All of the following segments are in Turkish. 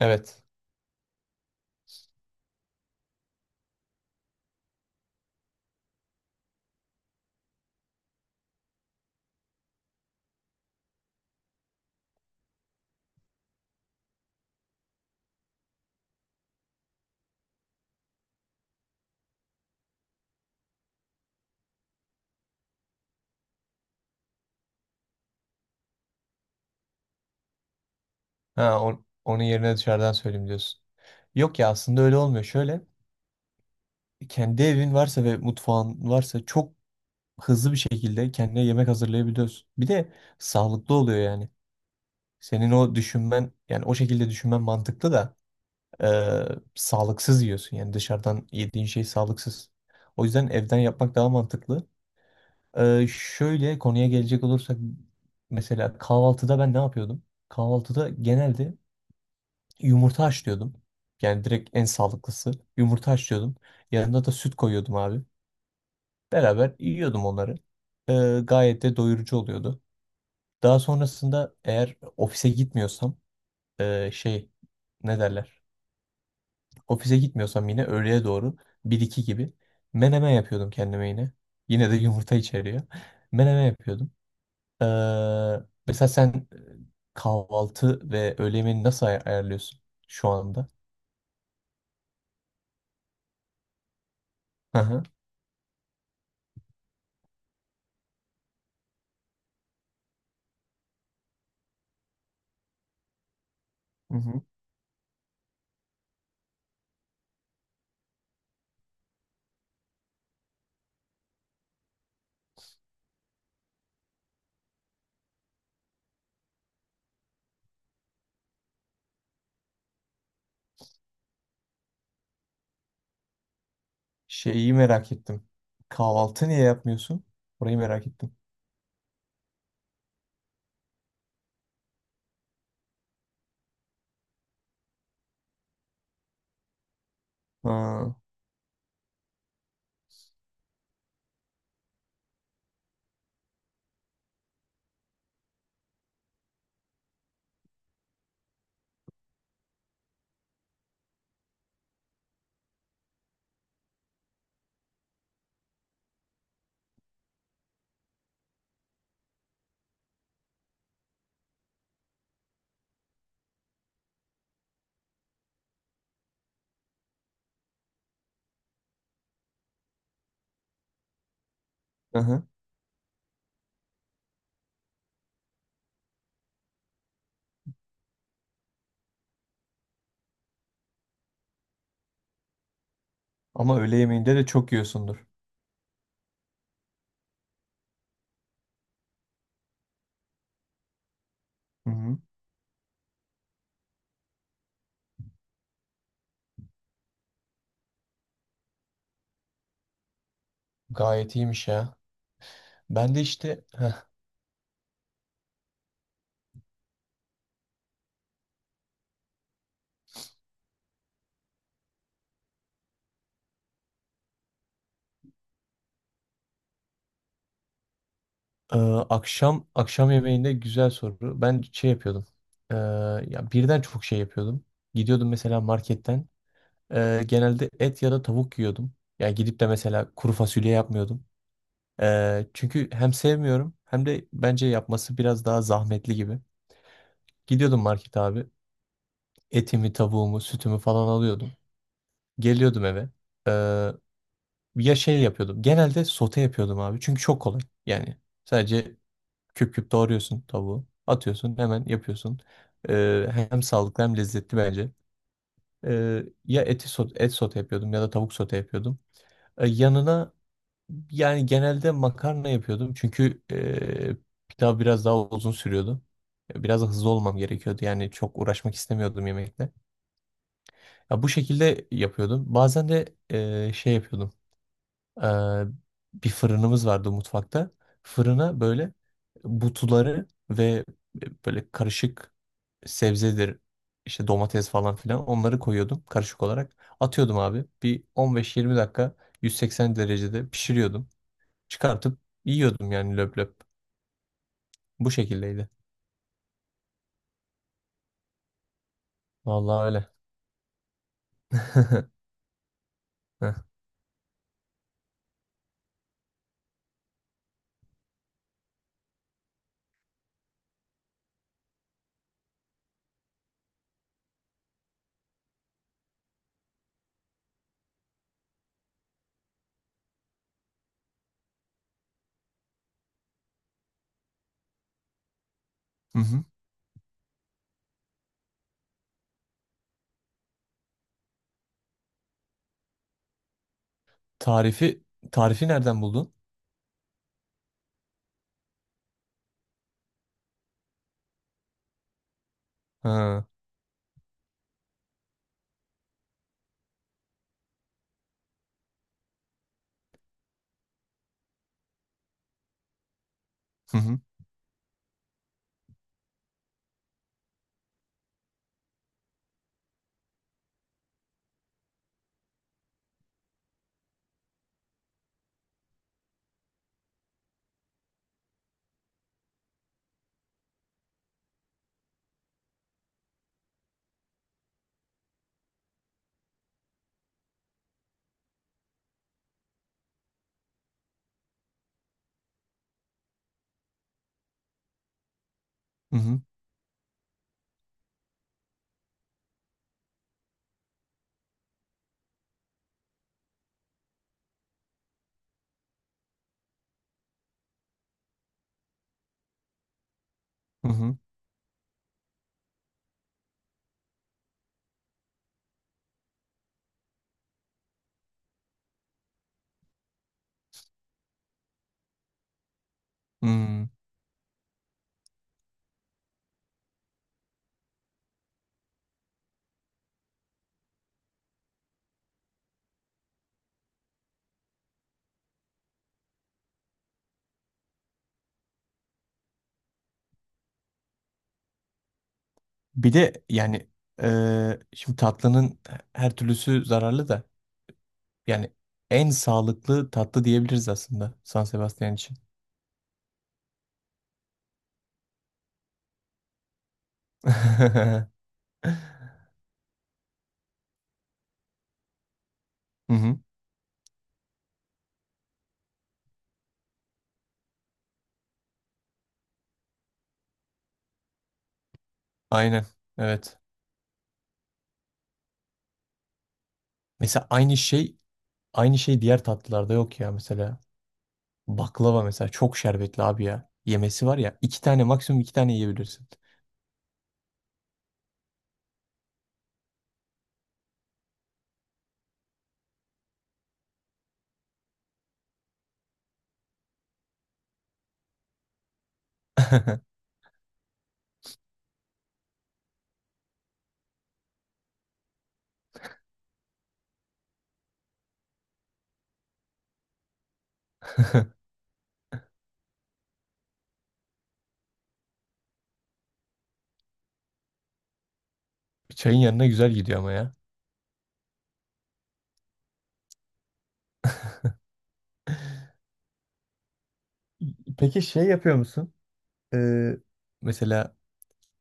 Evet. Ha, onun yerine dışarıdan söyleyeyim diyorsun. Yok ya, aslında öyle olmuyor. Şöyle, kendi evin varsa ve mutfağın varsa çok hızlı bir şekilde kendine yemek hazırlayabiliyorsun. Bir de sağlıklı oluyor yani. Senin o düşünmen, yani o şekilde düşünmen mantıklı da e, sağlıksız yiyorsun. Yani dışarıdan yediğin şey sağlıksız. O yüzden evden yapmak daha mantıklı. Şöyle konuya gelecek olursak, mesela kahvaltıda ben ne yapıyordum? Kahvaltıda genelde yumurta haşlıyordum. Yani direkt en sağlıklısı. Yumurta haşlıyordum. Yanına da süt koyuyordum abi. Beraber yiyordum onları. Gayet de doyurucu oluyordu. Daha sonrasında, eğer ofise gitmiyorsam ee, şey ne derler? Ofise gitmiyorsam yine öğleye doğru, bir iki gibi, menemen yapıyordum kendime yine. Yine de yumurta içeriyor. Menemen yapıyordum. Ee, mesela sen, kahvaltı ve öğle yemeğini nasıl ayarlıyorsun şu anda? Hı hı. Hı hı. Şeyi merak ettim. Kahvaltı niye yapmıyorsun? Orayı merak ettim. Ha, hı hı. Ama öğle yemeğinde de çok yiyorsundur. Hı hı. Gayet iyiymiş ya. Ben de işte, heh, e, akşam akşam yemeğinde güzel soru. Ben şey yapıyordum. E, ya, birden çok şey yapıyordum. Gidiyordum mesela marketten. Genelde et ya da tavuk yiyordum. Ya gidip de mesela kuru fasulye yapmıyordum. Çünkü hem sevmiyorum, hem de bence yapması biraz daha zahmetli gibi. Gidiyordum market abi. Etimi, tavuğumu, sütümü falan alıyordum. Geliyordum eve. Ee, ya, şey yapıyordum. Genelde sote yapıyordum abi. Çünkü çok kolay. Yani sadece küp küp doğruyorsun tavuğu. Atıyorsun, hemen yapıyorsun. Hem sağlıklı hem lezzetli bence. Ya eti sote, et sote yapıyordum ya da tavuk sote yapıyordum. Yanına yani genelde makarna yapıyordum. Çünkü pilav biraz daha uzun sürüyordu. Biraz da hızlı olmam gerekiyordu. Yani çok uğraşmak istemiyordum yemekle. Ya bu şekilde yapıyordum. Bazen de şey yapıyordum. E, bir fırınımız vardı mutfakta. Fırına böyle butuları ve böyle karışık sebzedir, işte domates falan filan, onları koyuyordum karışık olarak. Atıyordum abi. Bir 15-20 dakika 180 derecede pişiriyordum. Çıkartıp yiyordum yani löp löp. Bu şekildeydi. Vallahi öyle. Heh. Hı hı. Tarifi, tarifi nereden buldun? Ha. Hı hı. Hı hı. Hı hı. Hmm. Bir de yani, şimdi tatlının her türlüsü zararlı da, yani en sağlıklı tatlı diyebiliriz aslında San Sebastian için. Hı hı. Aynen. Evet. Mesela aynı şey, aynı şey diğer tatlılarda yok ya mesela. Baklava mesela çok şerbetli abi ya. Yemesi var ya, iki tane, maksimum iki tane yiyebilirsin. Çayın yanına güzel gidiyor ama ya. Peki şey yapıyor musun? Ee, mesela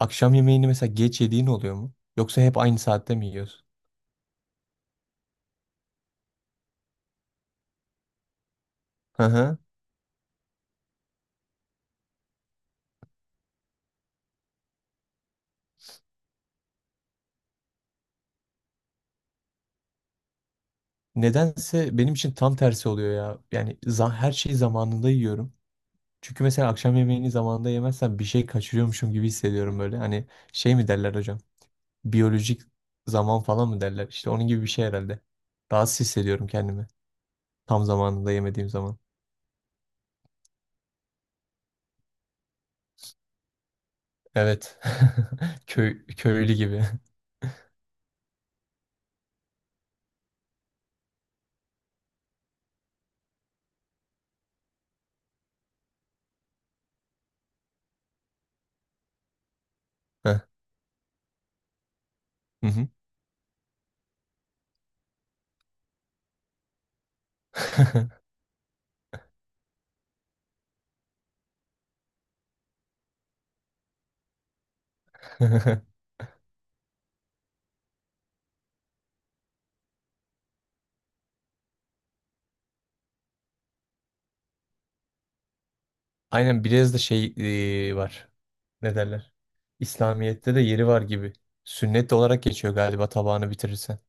akşam yemeğini mesela geç yediğin oluyor mu? Yoksa hep aynı saatte mi yiyorsun? Hı hı. Nedense benim için tam tersi oluyor ya. Yani her şeyi zamanında yiyorum. Çünkü mesela akşam yemeğini zamanında yemezsem bir şey kaçırıyormuşum gibi hissediyorum böyle. Hani şey mi derler hocam? Biyolojik zaman falan mı derler? İşte onun gibi bir şey herhalde. Rahatsız hissediyorum kendimi, tam zamanında yemediğim zaman. Evet. Köy, köylü gibi. Heh. Hı hı. Aynen, biraz da şey var. Ne derler? İslamiyet'te de yeri var gibi. Sünnet olarak geçiyor galiba, tabağını bitirirsen.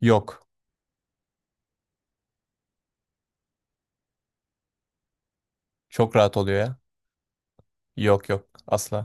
Yok. Çok rahat oluyor ya. Yok yok. Asla.